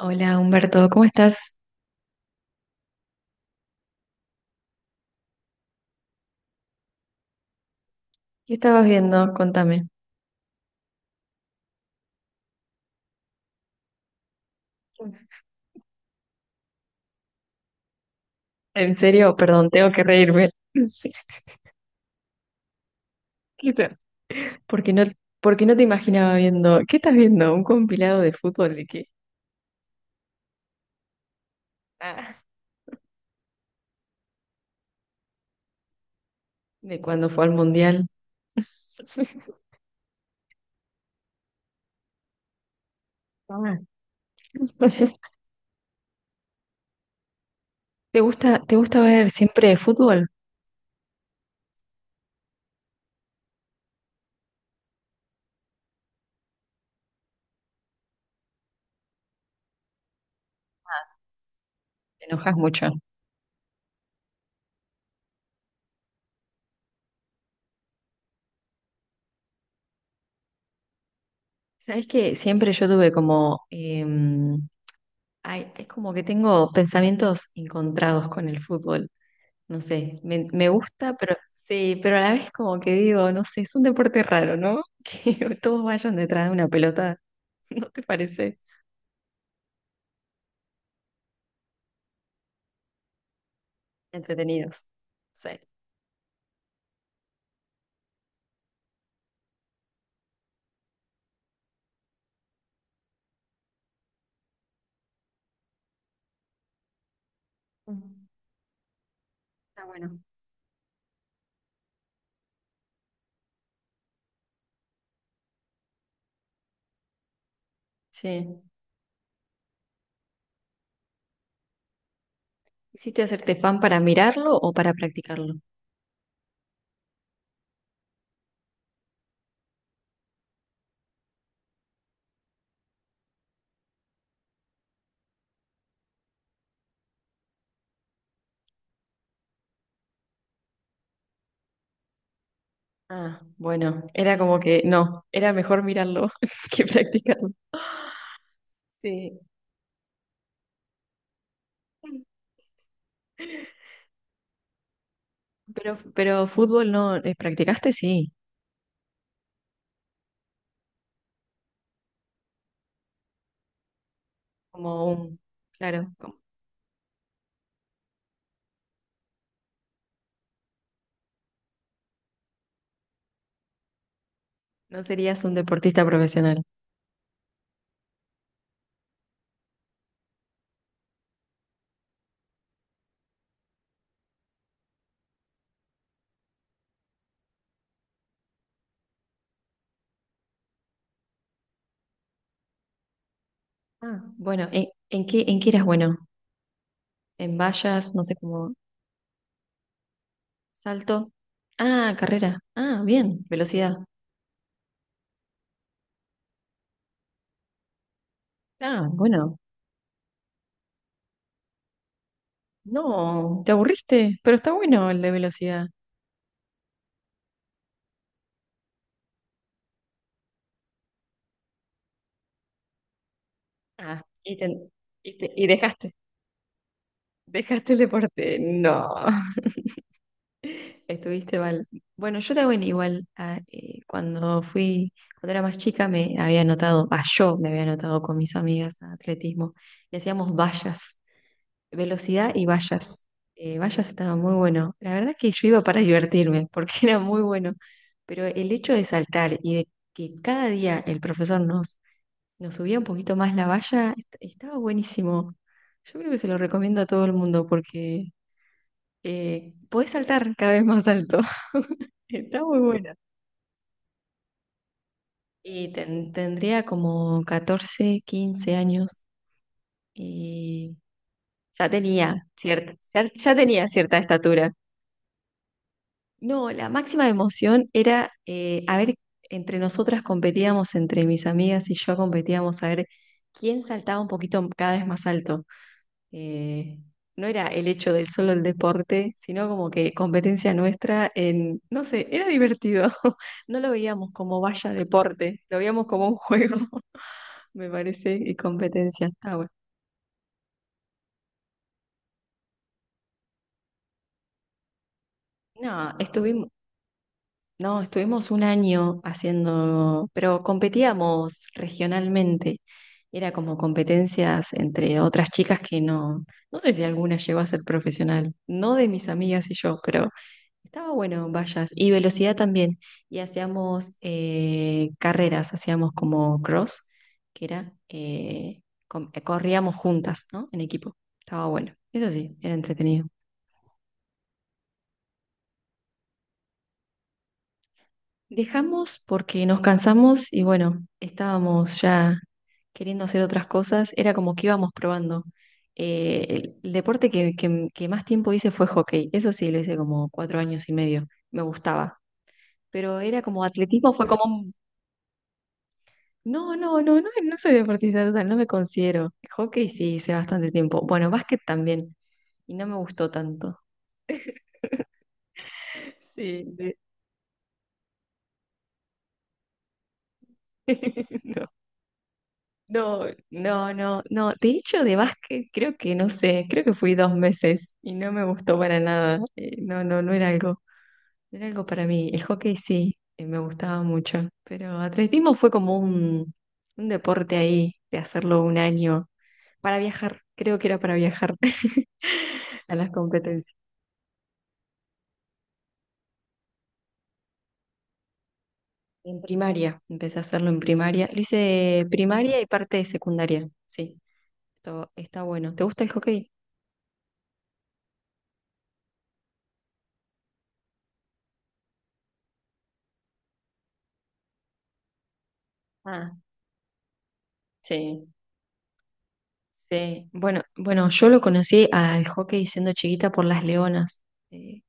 Hola Humberto, ¿cómo estás? ¿Qué estabas viendo? Contame. En serio, perdón, tengo que reírme. ¿Qué tal? Porque no, porque no te imaginaba viendo. ¿Qué estás viendo? ¿Un compilado de fútbol de qué? Ah, de cuando fue al mundial. Ah. Te gusta ver siempre fútbol? Ah, te enojas mucho. Sabes que siempre yo tuve como, ay, es como que tengo pensamientos encontrados con el fútbol. No sé, me gusta, pero sí, pero a la vez como que digo, no sé, es un deporte raro, ¿no? Que todos vayan detrás de una pelota, ¿no te parece? Entretenidos. Sí. Mm, está bueno. Sí. ¿Hiciste hacerte fan para mirarlo o para practicarlo? Ah, bueno, era como que no, era mejor mirarlo que practicarlo. Sí. Pero fútbol no, ¿practicaste? Sí, como un, claro, no serías un deportista profesional. Ah, bueno, en qué eras bueno? ¿En vallas? No sé cómo. ¿Salto? Ah, carrera. Ah, bien, velocidad. Ah, bueno. No, te aburriste, pero está bueno el de velocidad. Ah, y dejaste, dejaste el deporte. No, estuviste mal. Bueno, yo también igual, ah, cuando fui, cuando era más chica me había anotado, ah, yo me había anotado con mis amigas a atletismo y hacíamos vallas. Velocidad y vallas. Vallas estaba muy bueno. La verdad que yo iba para divertirme, porque era muy bueno. Pero el hecho de saltar y de que cada día el profesor nos subía un poquito más la valla, estaba buenísimo. Yo creo que se lo recomiendo a todo el mundo porque podés saltar cada vez más alto. Está muy bueno. Y tendría como 14, 15 años y ya tenía cierta, ya tenía cierta estatura. No, la máxima emoción era, a ver, entre nosotras competíamos, entre mis amigas y yo competíamos a ver quién saltaba un poquito cada vez más alto. Eh, no era el hecho del solo el deporte, sino como que competencia nuestra en, no sé, era divertido. No lo veíamos como vaya deporte, lo veíamos como un juego, me parece, y competencia. Está bueno. No, estuvimos. No, estuvimos un año haciendo, pero competíamos regionalmente. Era como competencias entre otras chicas que no, no sé si alguna llegó a ser profesional, no de mis amigas y yo, pero estaba bueno, vallas. Y velocidad también. Y hacíamos carreras, hacíamos como cross, que era, corríamos juntas, ¿no? En equipo. Estaba bueno. Eso sí, era entretenido. Dejamos porque nos cansamos y bueno, estábamos ya queriendo hacer otras cosas, era como que íbamos probando. El deporte que, que más tiempo hice fue hockey, eso sí, lo hice como 4 años y medio, me gustaba, pero era como atletismo, fue como un... No, no, no, no, no soy deportista total, no me considero. Hockey sí hice bastante tiempo, bueno, básquet también, y no me gustó tanto. Sí, de- no. No, no, no, no. De hecho, de básquet creo que no sé, creo que fui 2 meses y no me gustó para nada. No, no, no era algo, no era algo para mí. El hockey sí, me gustaba mucho, pero atletismo fue como un deporte ahí de hacerlo un año para viajar. Creo que era para viajar a las competencias. En primaria, empecé a hacerlo en primaria. Lo hice primaria y parte de secundaria. Sí, esto está bueno. ¿Te gusta el hockey? Ah, sí. Sí, bueno, bueno, yo lo conocí al hockey siendo chiquita por las Leonas eh,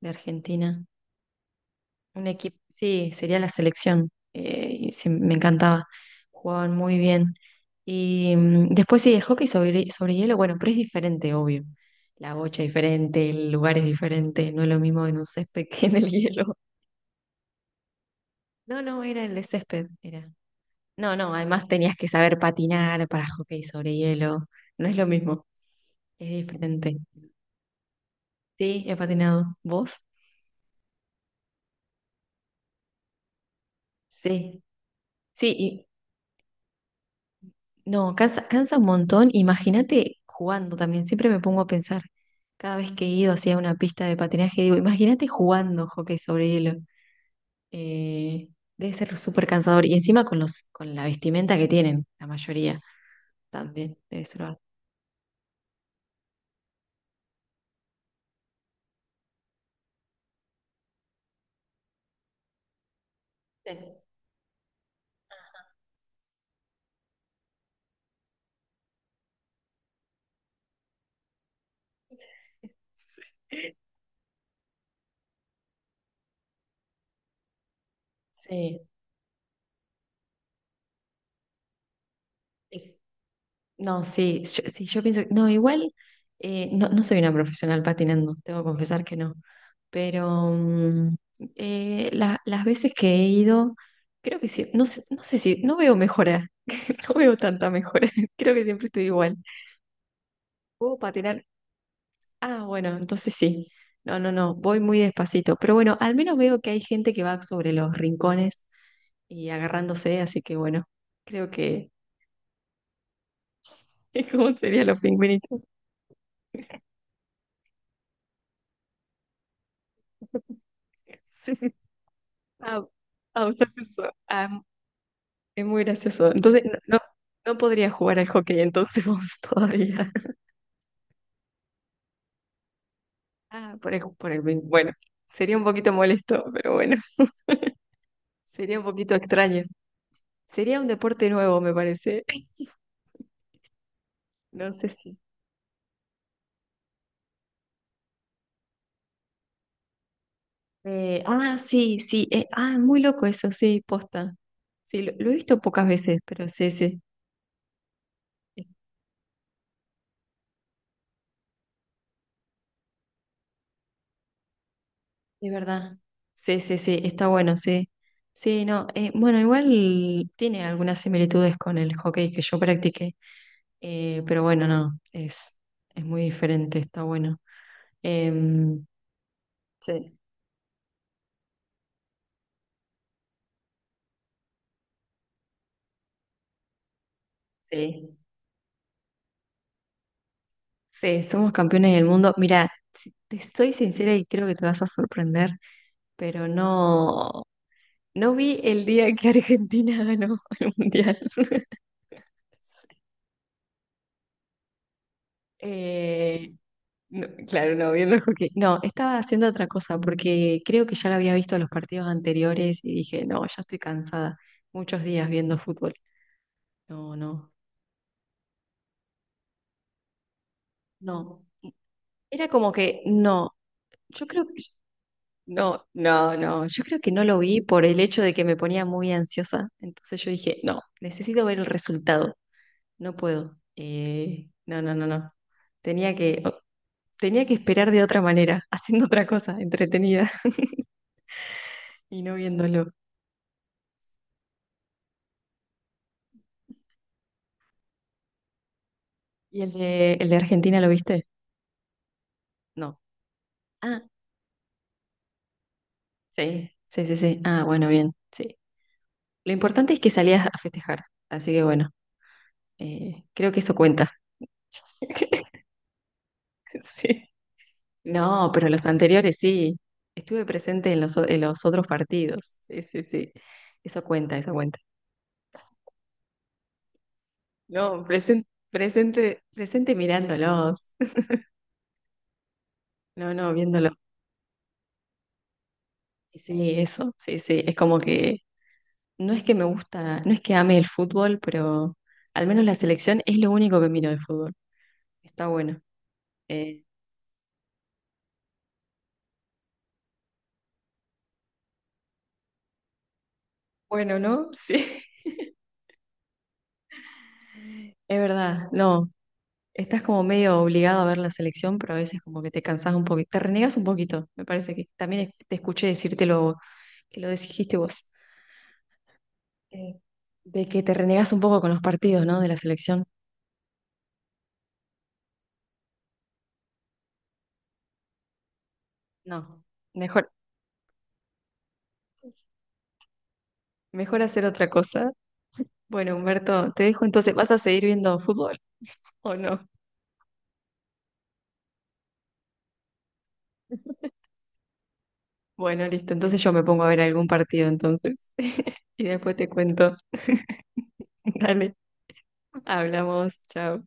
de Argentina. Un equipo, sí, sería la selección. Y sí, me encantaba. Jugaban muy bien. Y mm, después sí, el hockey sobre hielo, bueno, pero es diferente, obvio. La bocha es diferente, el lugar es diferente, no es lo mismo en un césped que en el hielo. No, no, era el de césped, era. No, no, además tenías que saber patinar para hockey sobre hielo. No es lo mismo, es diferente. Sí, he patinado. ¿Vos? Sí. Sí, y no, cansa, cansa un montón. Imagínate jugando también. Siempre me pongo a pensar. Cada vez que he ido hacia una pista de patinaje, digo, imagínate jugando hockey sobre hielo. Eh, debe ser súper cansador. Y encima con los, con la vestimenta que tienen, la mayoría también. Debe ser bastante. Sí. Sí. No, sí, sí, yo pienso, no, igual, no, no soy una profesional patinando, tengo que confesar que no, pero mm, las veces que he ido, creo que sí, no, no sé si, no veo mejora, no veo tanta mejora, creo que siempre estoy igual. ¿Puedo patinar? Ah, bueno, entonces sí, no, no, no, voy muy despacito, pero bueno, al menos veo que hay gente que va sobre los rincones y agarrándose, así que bueno, creo que es como serían los pingüinitos. Ah, ah, usas eso. Ah, es muy gracioso. Entonces, no, no, no podría jugar al hockey entonces vos todavía. Ah, por por el bien. Bueno, sería un poquito molesto, pero bueno, sería un poquito extraño. Sería un deporte nuevo, me parece. No sé si. Ah, sí, sí. Ah, muy loco eso, sí, posta. Sí, lo he visto pocas veces, pero sí, sí. Es, es verdad. Sí, sí, sí, está bueno, sí. Sí, no. Bueno, igual tiene algunas similitudes con el hockey que yo practiqué. Pero bueno, no, es muy diferente, está bueno. Em, sí. Sí, sí, somos campeones del mundo. Mira, si- te soy sincera y creo que te vas a sorprender, pero no, no vi el día que Argentina ganó el Mundial. Eh, no, claro, no, viendo el hockey. No, estaba haciendo otra cosa porque creo que ya lo había visto los partidos anteriores y dije, no, ya estoy cansada. Muchos días viendo fútbol. No, no, no. Era como que no, yo creo que no, no, no, yo creo que no lo vi por el hecho de que me ponía muy ansiosa. Entonces yo dije, no, necesito ver el resultado, no puedo. No, no, no, no. Tenía que, tenía que esperar de otra manera, haciendo otra cosa entretenida y no viéndolo. ¿Y el el de Argentina lo viste? No. Ah, sí, sí, sí, sí. Ah, bueno, bien, sí. Lo importante es que salías a festejar, así que bueno, creo que eso cuenta. Sí. No, pero los anteriores sí. Estuve presente en en los otros partidos. Sí, sí, sí. Eso cuenta, eso cuenta. No, presente, presente, presente mirándolos. No, no, viéndolo. Y sí, eso, sí, sí. Es como que no es que me gusta, no es que ame el fútbol, pero al menos la selección es lo único que miro de fútbol. Está bueno. Eh, bueno, ¿no? Sí, es verdad. No, estás como medio obligado a ver la selección, pero a veces como que te cansás un poquito, te renegas un poquito, me parece que también te escuché decírtelo, que lo dijiste vos, eh, de que te renegas un poco con los partidos, ¿no? De la selección. No, mejor, mejor hacer otra cosa. Bueno, Humberto, te dejo entonces, ¿vas a seguir viendo fútbol o no? Bueno, listo, entonces yo me pongo a ver algún partido entonces y después te cuento. Dale, hablamos, chao.